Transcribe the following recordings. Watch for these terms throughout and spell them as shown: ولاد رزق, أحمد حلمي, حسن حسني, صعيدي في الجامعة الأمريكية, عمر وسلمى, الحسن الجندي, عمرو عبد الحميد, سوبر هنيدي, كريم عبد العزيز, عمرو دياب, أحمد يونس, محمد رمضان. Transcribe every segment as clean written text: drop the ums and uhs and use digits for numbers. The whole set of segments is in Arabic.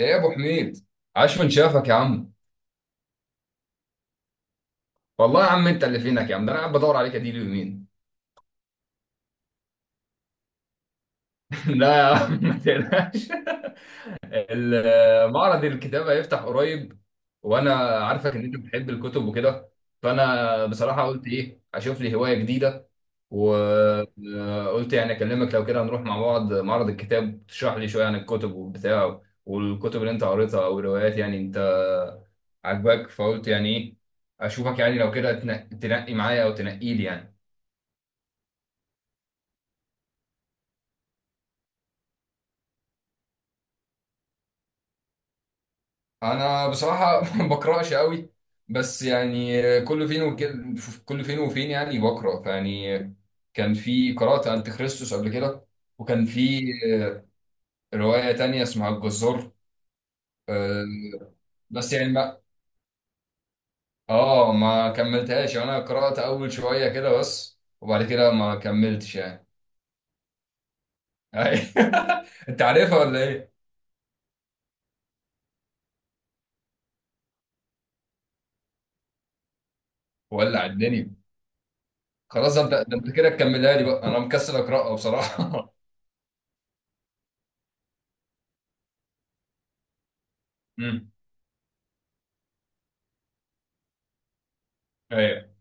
ايه يا ابو حميد. عاش من شافك يا عم. والله يا عم انت اللي فينك يا عم، ده انا قاعد بدور عليك اديله يومين. لا يا عم ما تقلقش. معرض الكتابه هيفتح قريب، وانا عارفك ان انت بتحب الكتب وكده. فانا بصراحه قلت ايه اشوف لي هوايه جديده و... قلت يعني اكلمك لو كده هنروح مع بعض معرض الكتاب تشرح لي شويه عن الكتب وبتاع، والكتب اللي انت قريتها او الروايات يعني انت عاجباك. فقلت يعني ايه اشوفك يعني لو كده تنقي معايا او تنقي لي يعني. انا بصراحه ما بقراش قوي، بس يعني كل فين وكده، كل فين وفين يعني بقرا فيعني. كان في قرات انت خريستوس قبل كده، وكان في روايه تانية اسمها الجزار. آه، بس يعني ما اه، ما كملتهاش يعني، انا قرأت اول شوية كده بس وبعد كده ما كملتش يعني. انت عارفها ولا ايه؟ ولع الدنيا. خلاص، ده انت كده تكملها لي بقى، انا مكسل اقرأها بصراحة. امم. ايوه.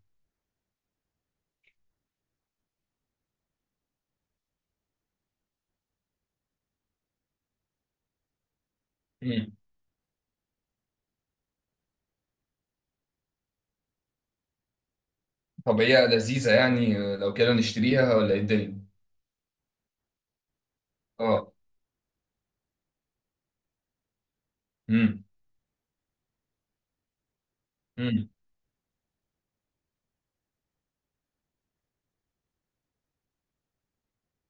امم. طب هي لذيذة يعني، لو كده نشتريها ولا ايه الدنيا؟ اه. امم. امم.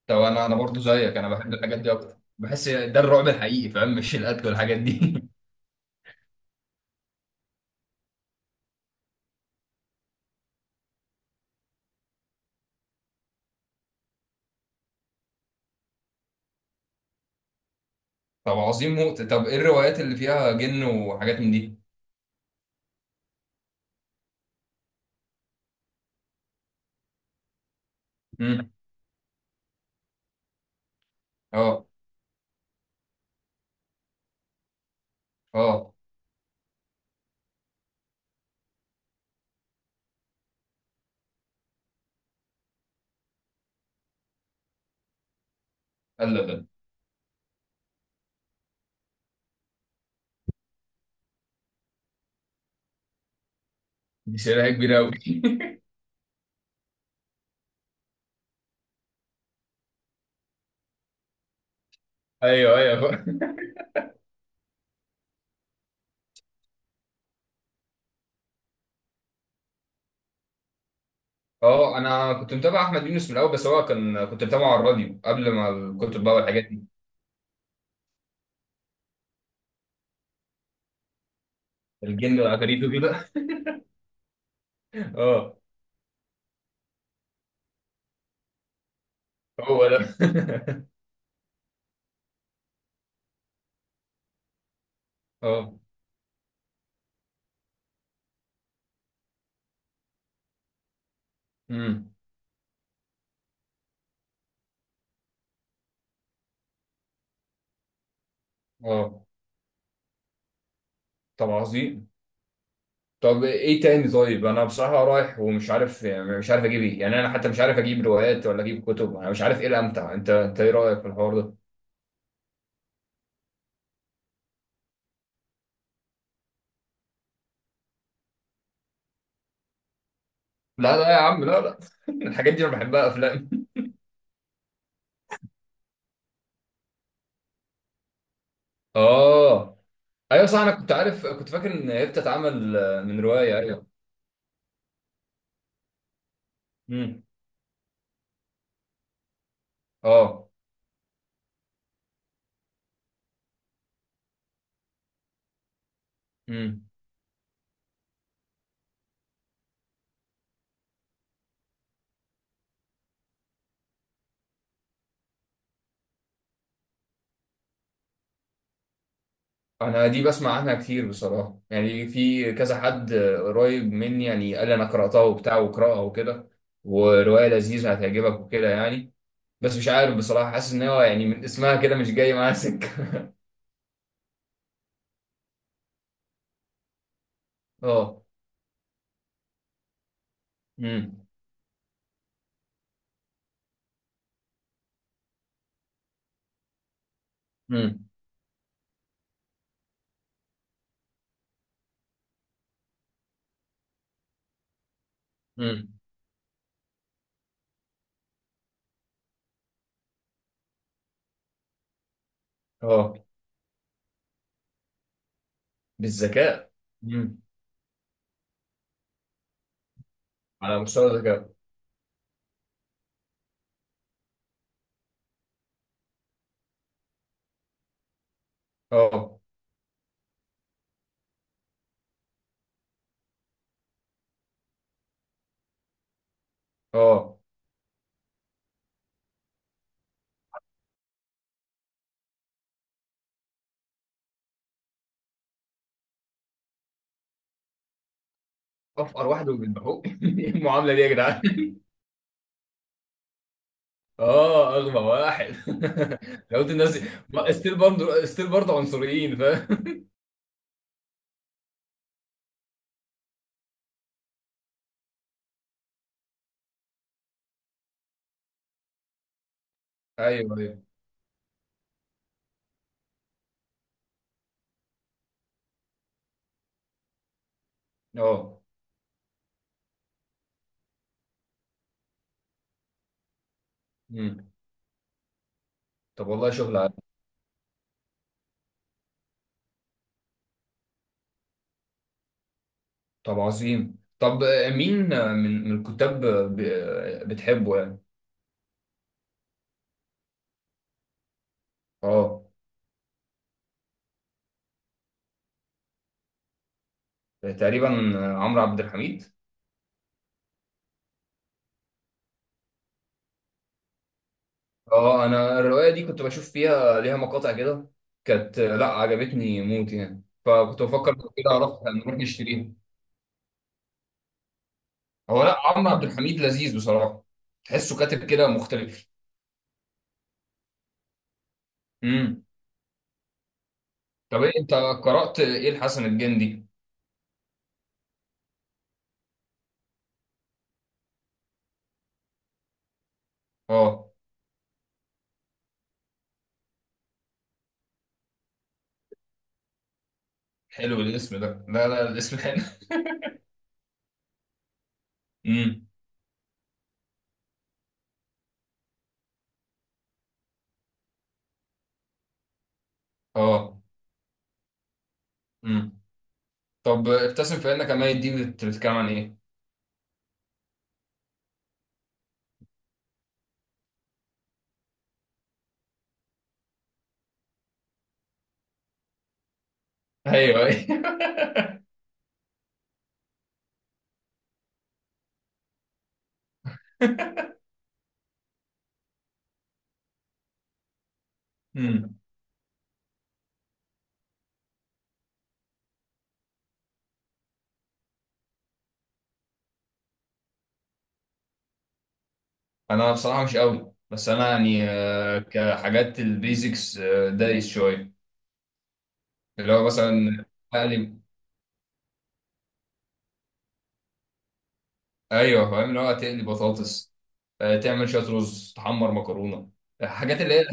طب انا برضه زيك، انا بحب الحاجات دي اكتر، بحس ده الرعب الحقيقي فاهم، مش القتل والحاجات دي. طب عظيم موت. طب ايه الروايات اللي فيها جن وحاجات من دي؟ امم. اه. اه. لا لا لا. دي شريحة كبيرة أوي. أيوه أيوه. أه، أنا كنت متابع أحمد يونس من الأول، بس هو كان كنت متابعه على الراديو قبل ما الكتب بقى والحاجات دي، الجن والعفاريت وكده. أه هو ده. أه. أمم. أه. طب عظيم. طب إيه تاني؟ طيب أنا بصراحة رايح ومش عارف يعني، مش عارف أجيب إيه يعني، أنا حتى مش عارف أجيب روايات ولا أجيب كتب، أنا مش عارف إيه الأمتع، أنت إيه رأيك في الحوار ده؟ لا لا يا عم، لا لا. الحاجات دي أنا بحبها أفلام. أه. ايوه صح، انا كنت عارف كنت فاكر ان هي بتتعمل من روايه، ايوه. امم. اه. امم. انا دي بسمع عنها كتير بصراحه يعني، في كذا حد قريب مني يعني قال لي انا قراتها وبتاع وقراها وكده، وروايه لذيذه هتعجبك وكده يعني. بس مش عارف بصراحه، حاسس ان هو يعني من اسمها كده مش جاي معاها سكه. اه. امم. امم. امم. اه. بالذكاء. امم. على مستوى الذكاء. اه. اه. افقر واحد وبيذبحوه! ايه المعامله دي يا جدعان؟ اه، اغبى واحد. لو قلت الناس ستيل برضه ستيل برضه عنصريين فاهم. ايوه ايوه. اه. مم. طب والله شغل عالي. طب عظيم. طب مين من الكتاب بتحبه يعني؟ اه. تقريبا عمرو عبد الحميد. اه، انا الروايه دي كنت بشوف فيها ليها مقاطع كده. كانت لا، عجبتني موت يعني، فكنت بفكر لو كده اعرف نروح نشتريها. هو لا، عمرو عبد الحميد لذيذ بصراحه، تحسه كاتب كده مختلف. امم. طب إيه انت قرأت ايه الحسن الجندي؟ اه. حلو الاسم ده. لا لا، الاسم حلو. امم. اه. امم. طب ابتسم فانك ميت دي بتتكلم عن ايه؟ ايوه ايوه. امم. انا بصراحة مش قوي، بس انا يعني كحاجات البيزكس دايس شوية. اللي هو مثلا اقلي. ايوه فاهم، اللي هو تقلي بطاطس، تعمل شوية رز، تحمر مكرونة، الحاجات اللي هي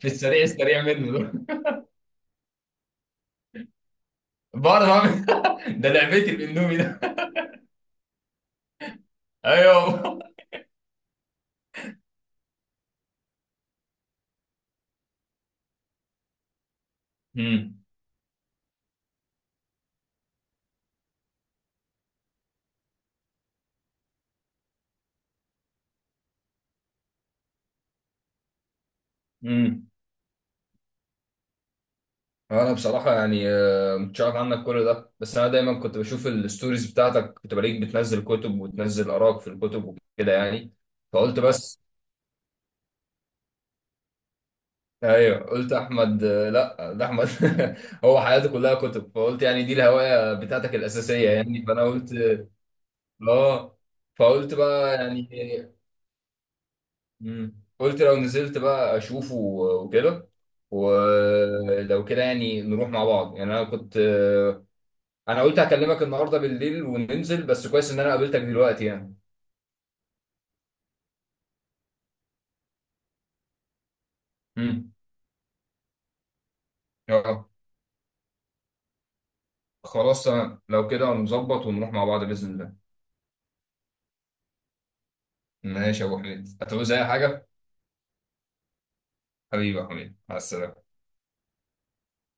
في السريع السريع منه ده. بعرف اعمل. ده لعبتي الاندومي. ايوه. امم. امم. انا بصراحه يعني ما كنتش عارف عنك كل ده، بس انا دايما كنت بشوف الستوريز بتاعتك، كنت بلاقيك بتنزل كتب وتنزل اراك في الكتب وكده يعني، فقلت بس. ايوه قلت احمد لا ده احمد، هو حياته كلها كتب، فقلت يعني دي الهوايه بتاعتك الاساسيه يعني، فانا قلت. اه. فقلت بقى يعني. مم. قلت لو نزلت بقى اشوفه وكده، ولو كده يعني نروح مع بعض يعني، انا كنت انا قلت هكلمك النهارده بالليل وننزل، بس كويس ان انا قابلتك دلوقتي يعني. امم. اه. خلاص تمام، لو كده نظبط ونروح مع بعض باذن الله. ماشي يا ابو حميد، هتعوز اي حاجه؟ حبيبي يا حميد، مع السلامه.